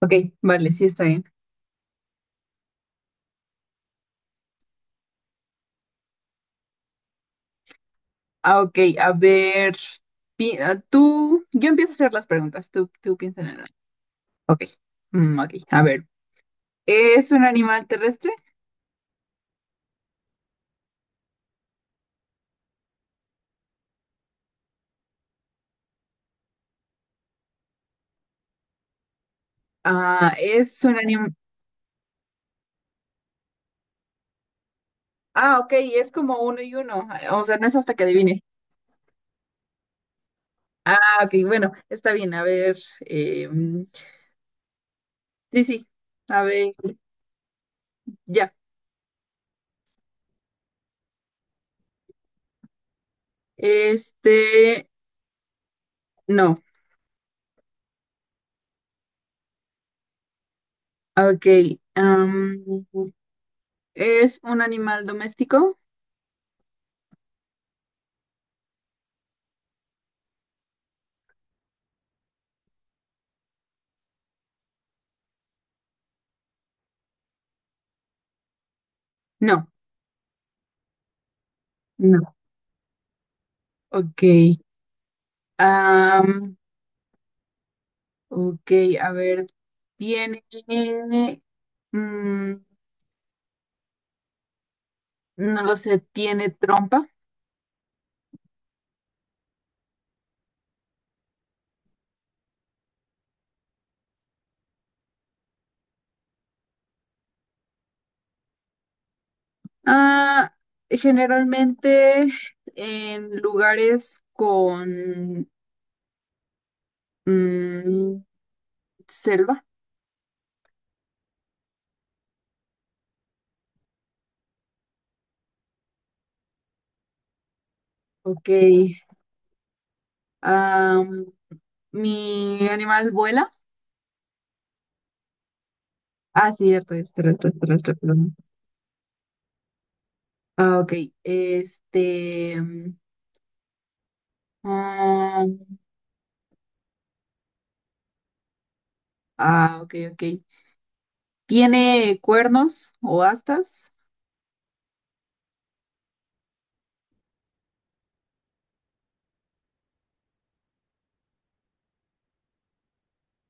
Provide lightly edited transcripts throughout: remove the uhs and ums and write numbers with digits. Ok, vale, sí está bien. Ah, ok, a ver, tú, yo empiezo a hacer las preguntas, tú piensa en algo. Ok, ok, a ver, ¿es un animal terrestre? Ah, es un animal, ah, ok, es como uno y uno, ah, o sea, no es hasta que adivine. Ah, ok, bueno, está bien, a ver, sí, sí, a ver, ya, este, no, ok, am, ¿es un animal doméstico? No, no, ok. Am, ok, a ver, tiene, mm, no lo sé, tiene trompa. Ah, generalmente en lugares con mm, selva. Ok. am, Mi animal vuela. Ah, sí, cierto, es terrestre, perdón. Ah, ok. Este. Ah, ah, ok, ok. ¿Tiene cuernos o astas?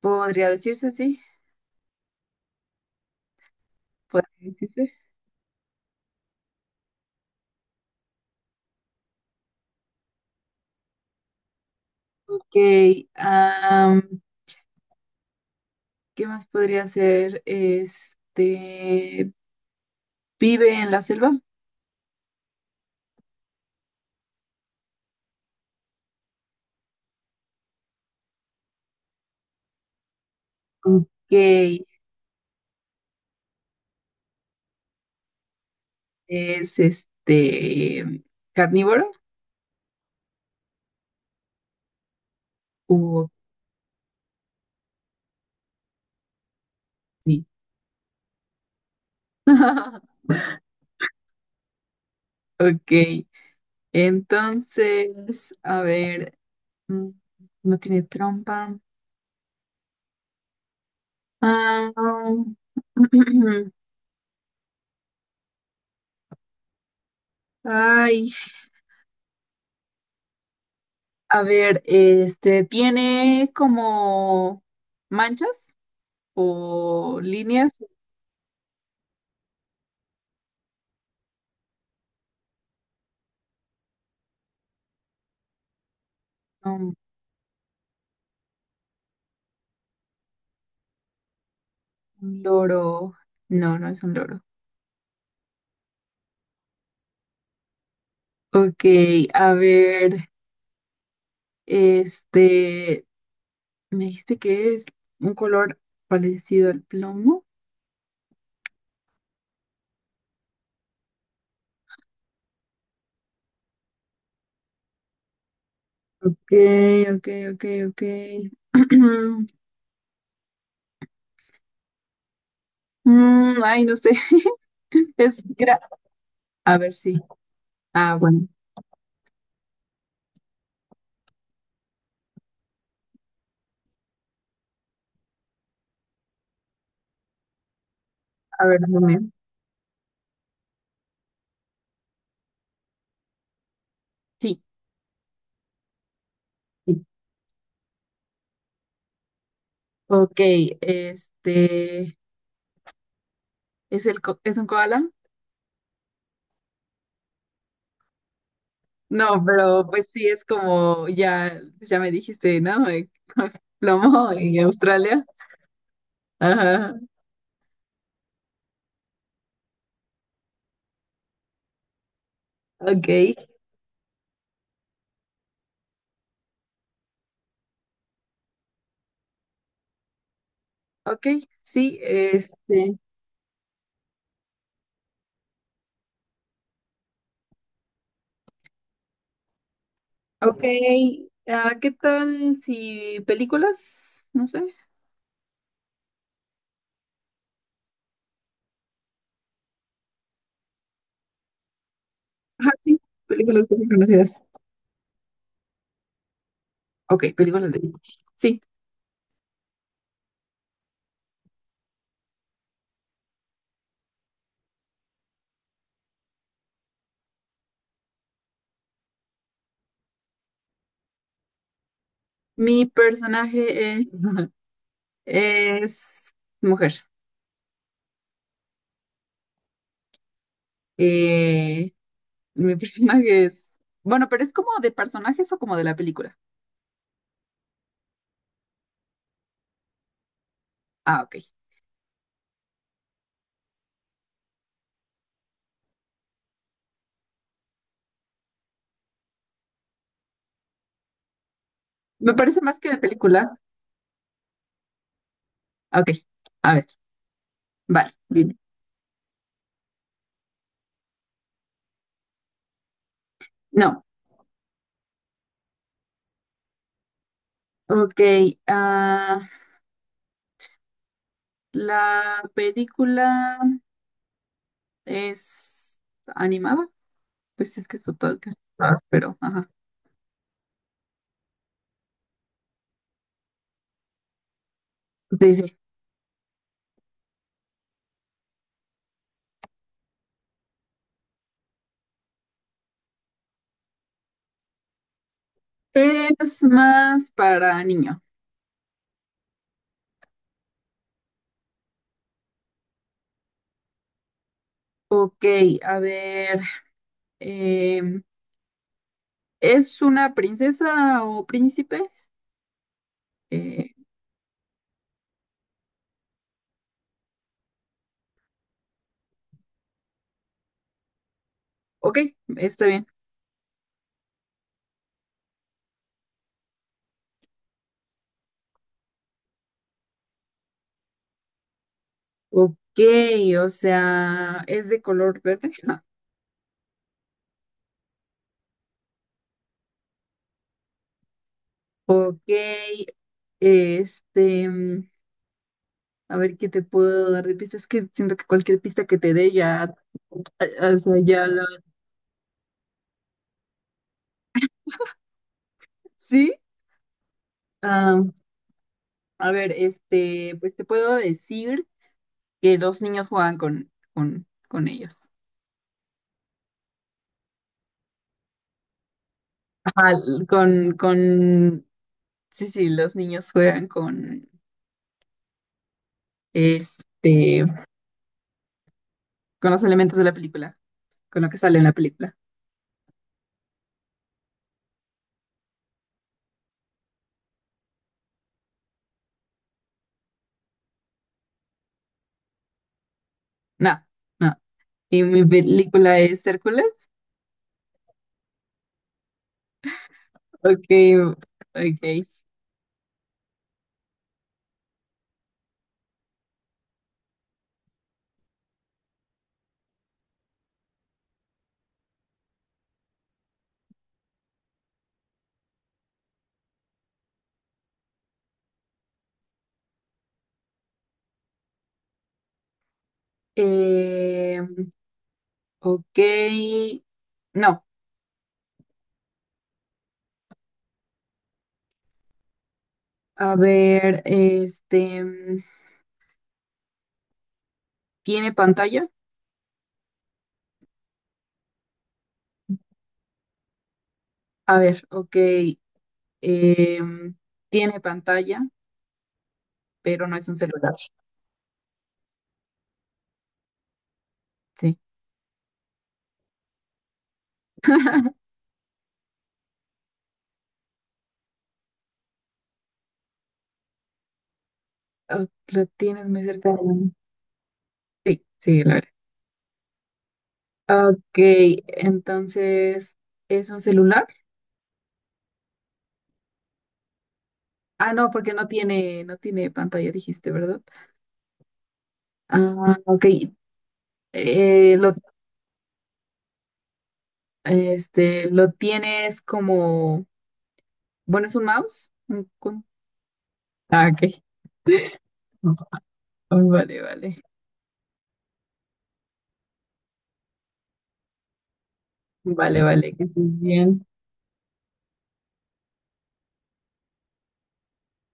Podría decirse, sí, podría decirse. Ok, ¿qué más podría ser? ¿Vive en la selva? Ok, ¿es este carnívoro? O sí. Ok, entonces, a ver, mm, no tiene trompa. Ah, ay, a ver, ¿tiene como manchas? O líneas. No, un loro. No, no es un loro. Ok, a ver, este, me dijiste que es un color parecido al plomo. Ok, ok, ok, ok. Ay, no sé. Es gra- A ver, sí. Ah, bueno. A ver, dime. Sí. Sí. Ok, este, ¿es es un koala? No, pero pues sí es como ya, ya me dijiste, ¿no? Plomo en Australia. Ajá, ok, ok, sí, ok, ah, ¿qué tal si películas? No sé. Ajá, sí, películas que son conocidas. Ok, películas de... Sí, mi personaje es mujer. Eh, mi personaje es... Bueno, pero es como de personajes o como de la película. Ah, ok. Me parece más que de película. Ok, a ver, vale, dime. No, ok, ah... La película es animada, pues es que está todo que está- pero ajá. Sí, sí. Es más para niño. Ok, a ver. em, ¿Es una princesa o príncipe? Eh, ok, está bien. Ok, o sea, es de color verde. Ok, este, mm, a ver qué te puedo dar de pistas. Es que siento que cualquier pista que te dé ya, o sea, ya la sí, ah, a ver, pues te puedo decir que los niños juegan con ellos. Ajá, con, con, sí, sí, los niños juegan con, este, con los elementos de la película, con lo que sale en la película. No, no. ¿Y mi película es Hércules? Ok, ok. Eh, ok, no. A ver, ¿tiene pantalla? A ver, ok. Eh, tiene pantalla, pero no es un celular. Sí. Ah, lo tienes muy cerca de la mano. Sí, sí, lo era. Ok, entonces, ¿es un celular? Ah, no, porque no tiene, no tiene pantalla, dijiste, ¿verdad? Ah, ok. Eh, lo, lo tienes como, bueno, es un mouse. Ah, ok. Vale, vale. Vale, vale, que estés bien.